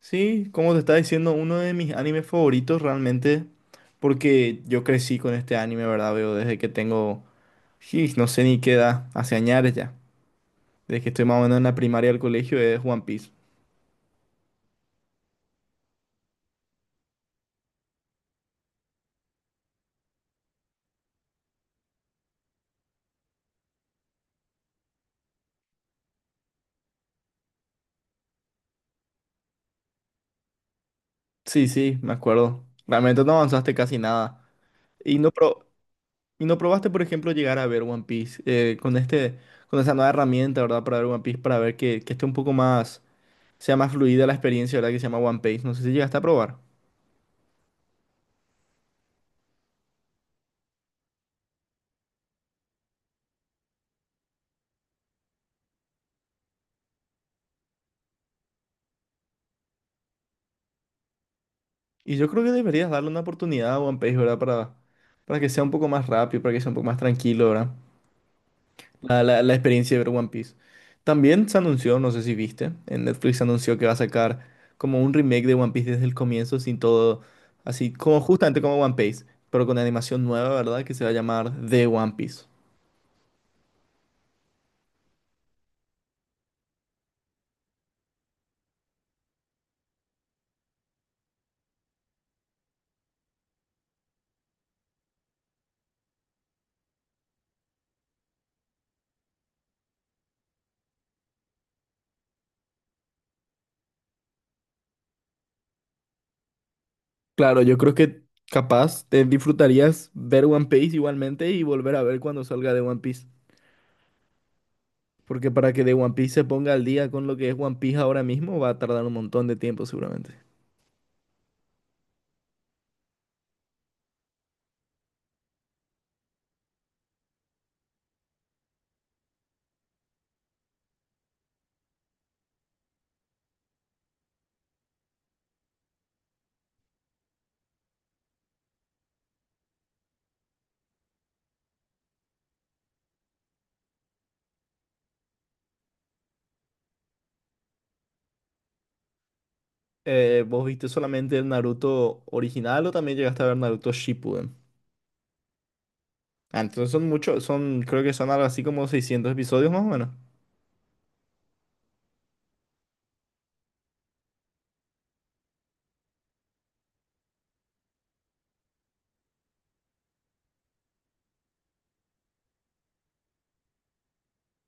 Sí, como te estaba diciendo, uno de mis animes favoritos realmente, porque yo crecí con este anime, ¿verdad? Veo desde que tengo, sí, no sé ni qué edad, hace años ya, desde que estoy más o menos en la primaria del colegio, es One Piece. Sí, sí, me acuerdo. Realmente no avanzaste casi nada. Y no, y no probaste, por ejemplo, llegar a ver One Piece con este, con esa nueva herramienta, ¿verdad? Para ver One Piece, para ver que esté un poco más, sea más fluida la experiencia, ¿verdad? Que se llama One Piece. No sé si llegaste a probar. Y yo creo que deberías darle una oportunidad a One Piece, ¿verdad? Para que sea un poco más rápido, para que sea un poco más tranquilo, ¿verdad? La experiencia de ver One Piece. También se anunció, no sé si viste, en Netflix se anunció que va a sacar como un remake de One Piece desde el comienzo, sin todo, así como justamente como One Piece, pero con animación nueva, ¿verdad? Que se va a llamar The One Piece. Claro, yo creo que capaz te disfrutarías ver One Piece igualmente y volver a ver cuando salga de One Piece. Porque para que de One Piece se ponga al día con lo que es One Piece ahora mismo, va a tardar un montón de tiempo seguramente. ¿Vos viste solamente el Naruto original o también llegaste a ver Naruto Shippuden? Ah, entonces son muchos, son, creo que son algo así como 600 episodios más o menos.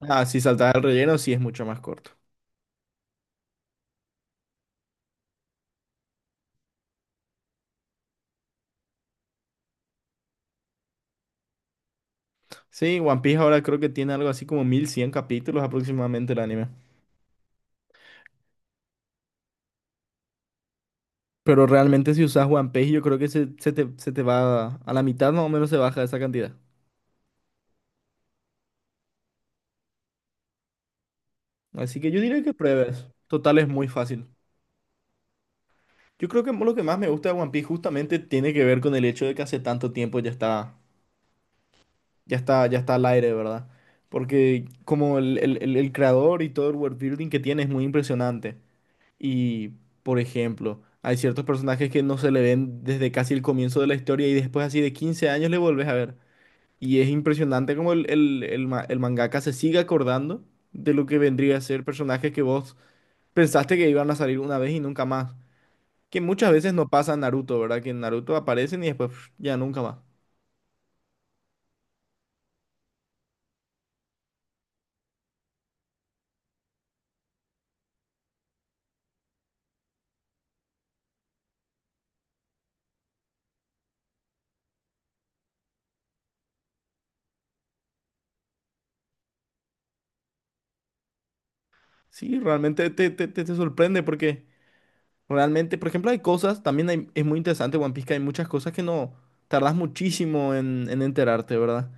Ah, si saltas el relleno, sí es mucho más corto. Sí, One Piece ahora creo que tiene algo así como 1100 capítulos aproximadamente el anime. Pero realmente si usas One Piece yo creo que se te va a la mitad más o menos se baja esa cantidad. Así que yo diría que pruebes. Total es muy fácil. Yo creo que lo que más me gusta de One Piece justamente tiene que ver con el hecho de que hace tanto tiempo ya está, ya está al aire, ¿verdad? Porque como el creador y todo el world building que tiene es muy impresionante. Y, por ejemplo, hay ciertos personajes que no se le ven desde casi el comienzo de la historia y después así de 15 años le volvés a ver. Y es impresionante como el mangaka se sigue acordando de lo que vendría a ser personajes que vos pensaste que iban a salir una vez y nunca más. Que muchas veces no pasa en Naruto, ¿verdad? Que en Naruto aparecen y después pf, ya nunca más. Sí, realmente te sorprende porque realmente, por ejemplo, hay cosas, también es muy interesante One Piece que hay muchas cosas que no tardas muchísimo en enterarte, ¿verdad?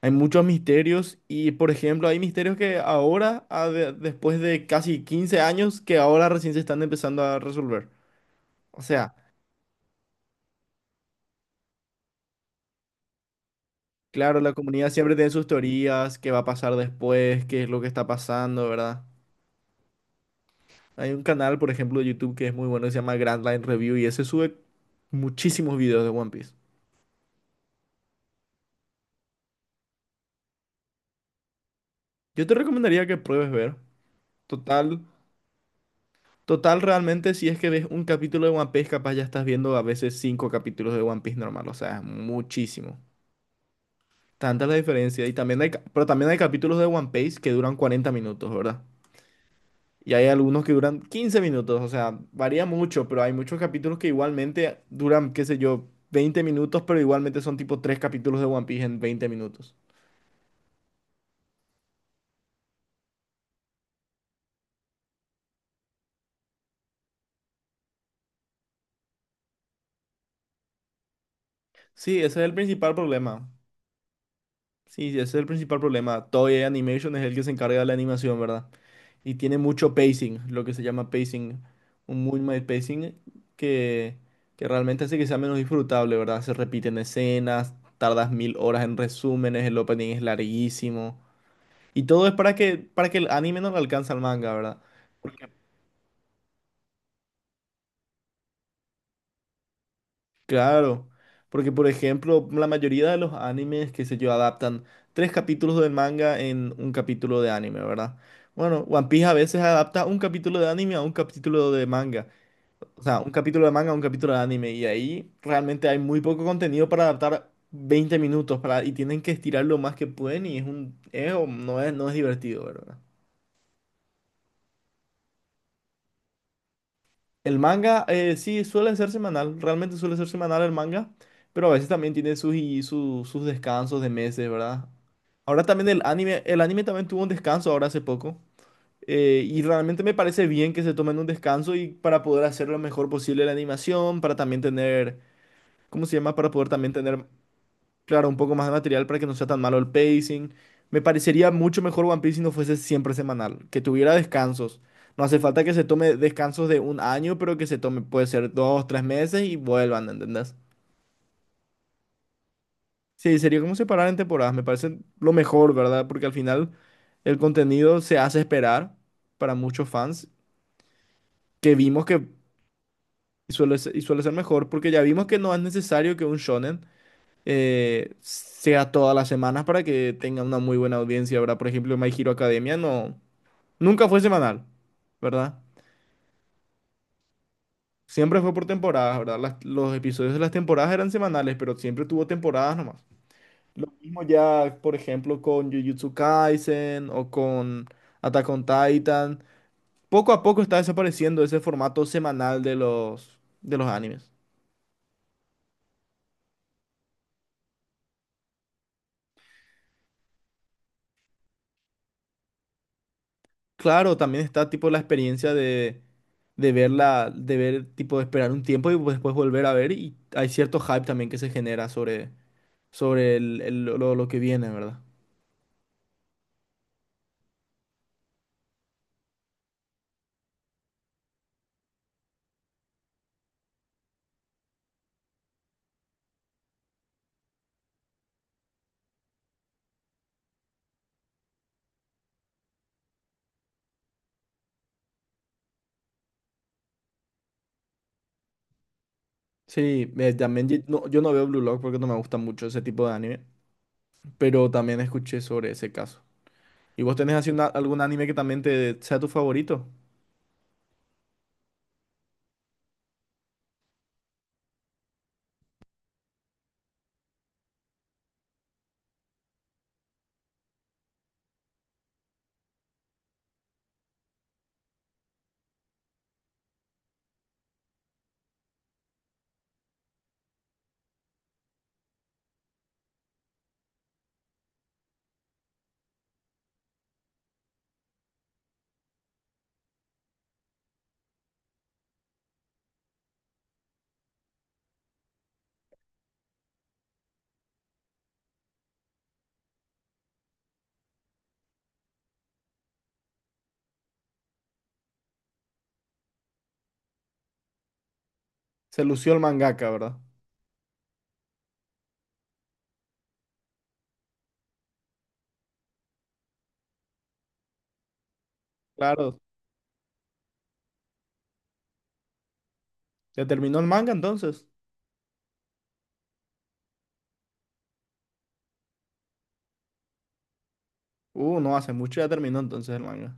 Hay muchos misterios y, por ejemplo, hay misterios que ahora, después de casi 15 años, que ahora recién se están empezando a resolver. O sea, claro, la comunidad siempre tiene sus teorías, qué va a pasar después, qué es lo que está pasando, ¿verdad? Hay un canal, por ejemplo, de YouTube que es muy bueno, que se llama Grand Line Review y ese sube muchísimos videos de One Piece. Yo te recomendaría que pruebes ver. Total, Total, realmente, si es que ves un capítulo de One Piece, capaz ya estás viendo a veces 5 capítulos de One Piece normal, o sea, es muchísimo. Tanta la diferencia. Y también pero también hay capítulos de One Piece que duran 40 minutos, ¿verdad? Y hay algunos que duran 15 minutos. O sea, varía mucho, pero hay muchos capítulos que igualmente duran, qué sé yo, 20 minutos, pero igualmente son tipo tres capítulos de One Piece en 20 minutos. Sí, ese es el principal problema. Sí, sí, ese es el principal problema. Toei Animation es el que se encarga de la animación, ¿verdad? Y tiene mucho pacing, lo que se llama pacing, un muy mal pacing que, que realmente hace que sea menos disfrutable, ¿verdad? Se repiten escenas, tardas mil horas en resúmenes, el opening es larguísimo. Y todo es para que el anime no le alcance al manga, ¿verdad? Claro, porque por ejemplo, la mayoría de los animes que se yo adaptan tres capítulos del manga en un capítulo de anime, ¿verdad? Bueno, One Piece a veces adapta un capítulo de anime a un capítulo de manga, o sea, un capítulo de manga a un capítulo de anime, y ahí realmente hay muy poco contenido para adaptar 20 minutos para, y tienen que estirar lo más que pueden y es un, es, o no es, no es divertido, ¿verdad? El manga, sí, suele ser semanal, realmente suele ser semanal el manga, pero a veces también tiene sus, y sus descansos de meses, ¿verdad? Ahora también el anime también tuvo un descanso ahora hace poco, y realmente me parece bien que se tomen un descanso y para poder hacer lo mejor posible la animación, para también tener, ¿cómo se llama? Para poder también tener Claro, un poco más de material para que no sea tan malo el pacing. Me parecería mucho mejor One Piece si no fuese siempre semanal, que tuviera descansos. No hace falta que se tome descansos de un año, pero que se tome, puede ser dos, tres meses y vuelvan, ¿entendés? Sí, sería como separar en temporadas, me parece lo mejor, ¿verdad? Porque al final el contenido se hace esperar para muchos fans, que vimos que suele ser, y suele ser mejor, porque ya vimos que no es necesario que un shonen sea todas las semanas para que tenga una muy buena audiencia, ¿verdad? Por ejemplo, My Hero Academia no, nunca fue semanal, ¿verdad? Siempre fue por temporadas, ¿verdad? Los episodios de las temporadas eran semanales, pero siempre tuvo temporadas nomás. Lo mismo ya, por ejemplo, con Jujutsu Kaisen o con Attack on Titan. Poco a poco está desapareciendo ese formato semanal de de los animes. Claro, también está tipo la experiencia de verla, de ver, tipo, esperar un tiempo y pues, después volver a ver. Y hay cierto hype también que se genera sobre, sobre lo que viene, ¿verdad? Sí, también no, yo no veo Blue Lock porque no me gusta mucho ese tipo de anime, pero también escuché sobre ese caso. ¿Y vos tenés así algún anime que también te sea tu favorito? Se lució el mangaka, ¿verdad? Claro. ¿Ya terminó el manga entonces? No hace mucho ya terminó entonces el manga.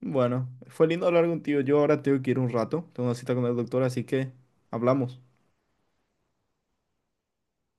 Bueno, fue lindo hablar contigo. Yo ahora tengo que ir un rato. Tengo una cita con el doctor, así que hablamos.